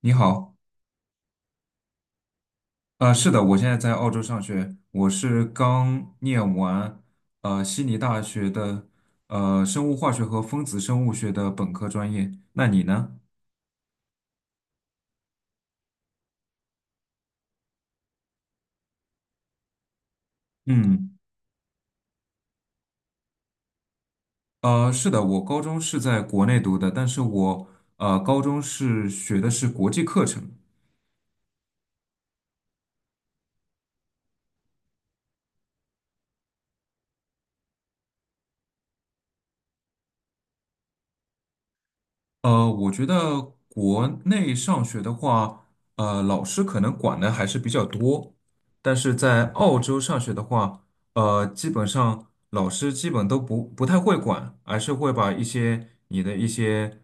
你好，是的，我现在在澳洲上学，我是刚念完悉尼大学的生物化学和分子生物学的本科专业。那你呢？嗯，是的，我高中是在国内读的，但是我高中是学的是国际课程。我觉得国内上学的话，老师可能管的还是比较多，但是在澳洲上学的话，基本上老师基本都不太会管，而是会把一些你的一些，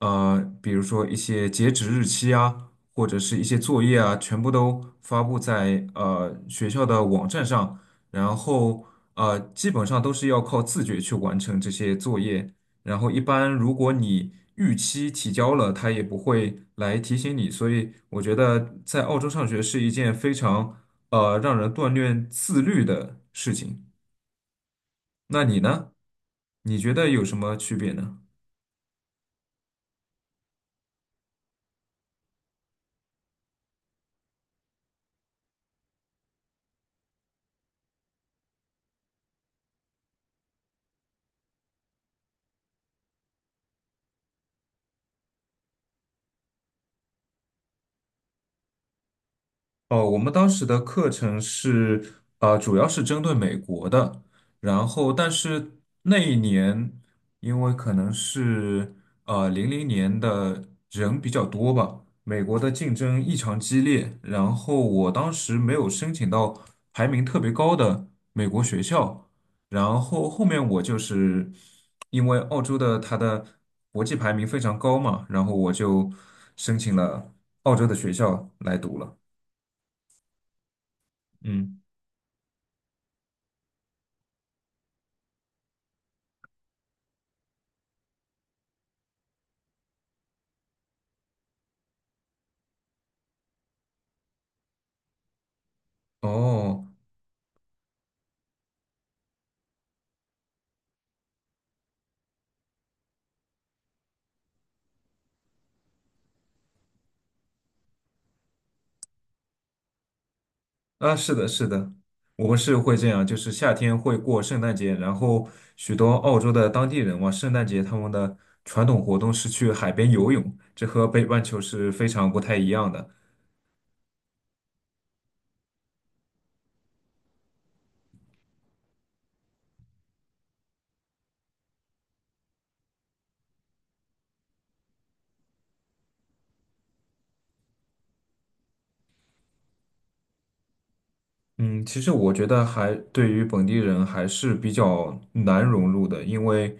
比如说一些截止日期啊，或者是一些作业啊，全部都发布在学校的网站上。然后基本上都是要靠自觉去完成这些作业。然后一般如果你逾期提交了，他也不会来提醒你，所以我觉得在澳洲上学是一件非常让人锻炼自律的事情。那你呢？你觉得有什么区别呢？哦，我们当时的课程是，主要是针对美国的。然后但是那一年，因为可能是零零年的人比较多吧，美国的竞争异常激烈，然后我当时没有申请到排名特别高的美国学校，然后后面我就是因为澳洲的它的国际排名非常高嘛，然后我就申请了澳洲的学校来读了，嗯。哦，啊，是的，是的，我们是会这样，就是夏天会过圣诞节。然后许多澳洲的当地人嘛，圣诞节他们的传统活动是去海边游泳，这和北半球是非常不太一样的。嗯，其实我觉得还对于本地人还是比较难融入的。因为，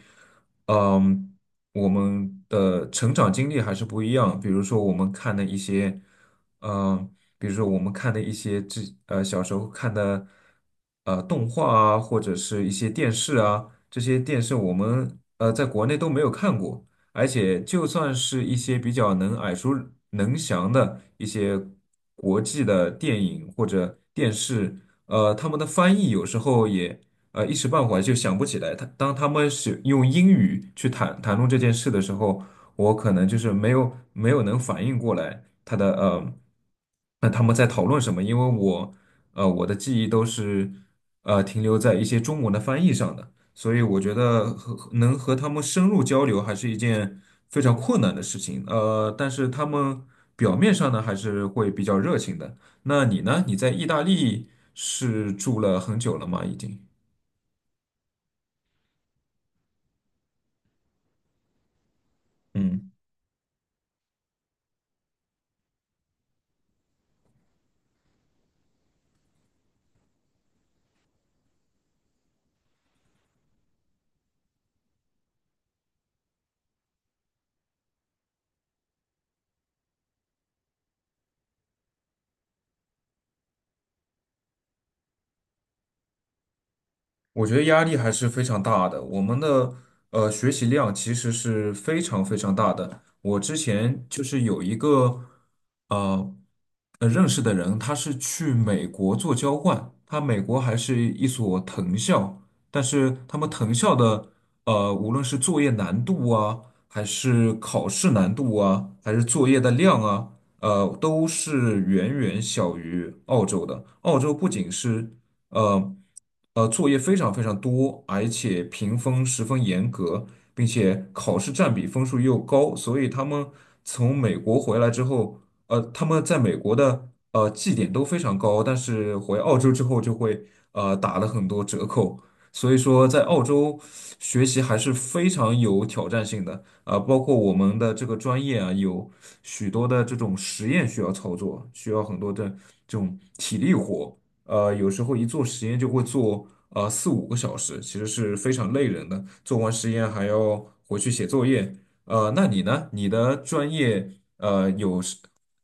嗯，我们的成长经历还是不一样。比如说我们看的一些，比如说我们看的一些这小时候看的动画啊，或者是一些电视啊，这些电视我们在国内都没有看过。而且就算是一些比较能耳熟能详的一些国际的电影或者电视，他们的翻译有时候也一时半会儿就想不起来。当他们是用英语去谈论这件事的时候，我可能就是没有能反应过来他的那他们在讨论什么。因为我我的记忆都是停留在一些中文的翻译上的。所以我觉得和能和他们深入交流还是一件非常困难的事情。但是他们表面上呢还是会比较热情的。那你呢？你在意大利是住了很久了吗？已经。嗯。我觉得压力还是非常大的。我们的学习量其实是非常非常大的。我之前就是有一个呃认识的人，他是去美国做交换，他美国还是一所藤校。但是他们藤校的无论是作业难度啊，还是考试难度啊，还是作业的量啊。都是远远小于澳洲的。澳洲不仅是呃作业非常非常多，而且评分十分严格，并且考试占比分数又高，所以他们从美国回来之后，他们在美国的绩点都非常高，但是回澳洲之后就会打了很多折扣。所以说在澳洲学习还是非常有挑战性的，啊、包括我们的这个专业啊，有许多的这种实验需要操作，需要很多的这种体力活。有时候一做实验就会做四五个小时，其实是非常累人的。做完实验还要回去写作业。那你呢？你的专业是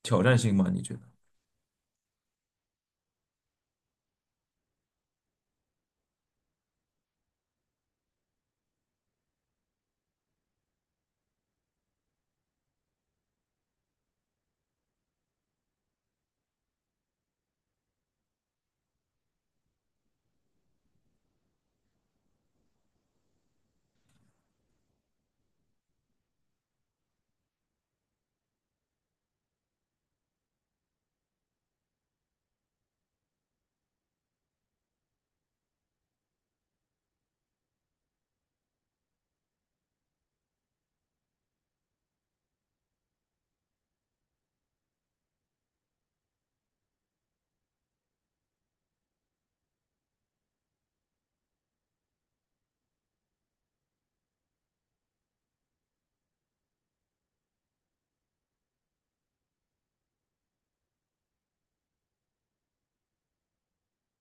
挑战性吗？你觉得？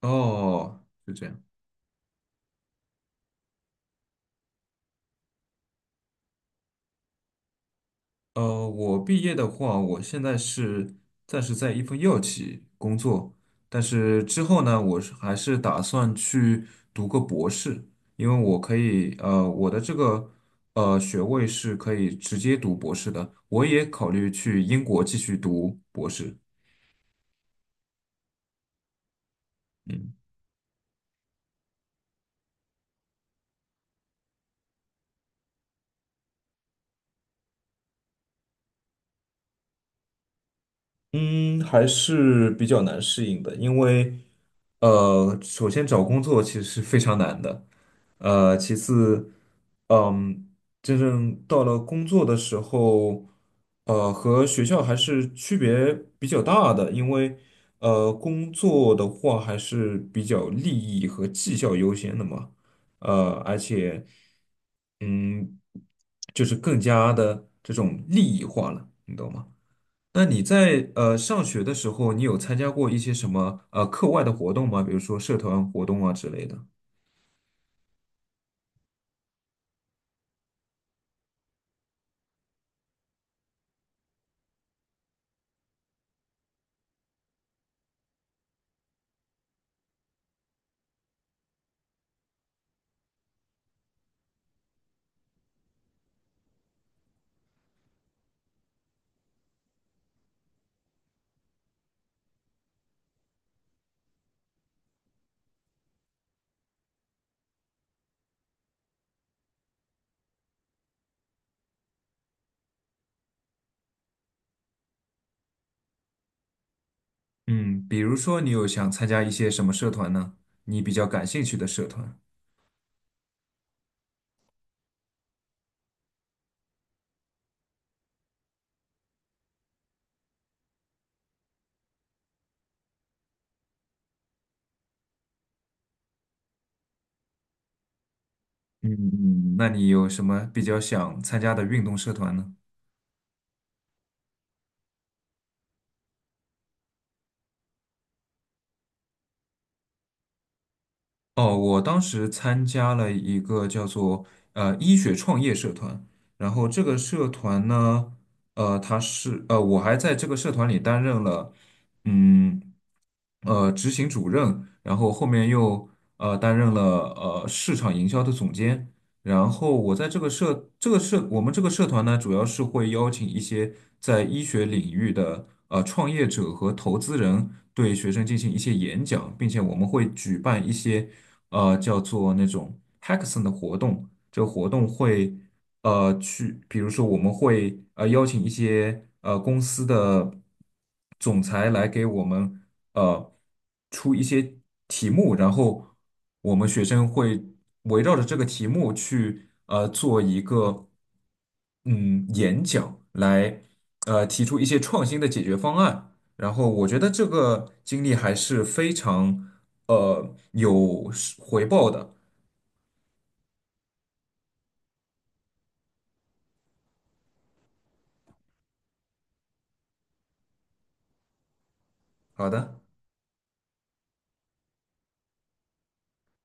哦，就这样。我毕业的话，我现在是暂时在一份药企工作，但是之后呢，我是还是打算去读个博士。因为我可以，我的这个学位是可以直接读博士的，我也考虑去英国继续读博士。嗯。嗯，还是比较难适应的。因为首先找工作其实是非常难的。其次，嗯，真正到了工作的时候，和学校还是区别比较大的。因为工作的话还是比较利益和绩效优先的嘛。而且，嗯，就是更加的这种利益化了，你懂吗？那你在上学的时候，你有参加过一些什么课外的活动吗？比如说社团活动啊之类的。嗯，比如说你有想参加一些什么社团呢？你比较感兴趣的社团。嗯，那你有什么比较想参加的运动社团呢？哦，我当时参加了一个叫做医学创业社团。然后这个社团呢，我还在这个社团里担任了，嗯，执行主任，然后后面又担任了市场营销的总监。然后我们这个社团呢，主要是会邀请一些在医学领域的创业者和投资人对学生进行一些演讲，并且我们会举办一些叫做那种 hackathon 的活动。这个活动会去，比如说我们会邀请一些公司的总裁来给我们呃出一些题目。然后我们学生会围绕着这个题目去做一个演讲，来提出一些创新的解决方案。然后我觉得这个经历还是非常有回报的。好的。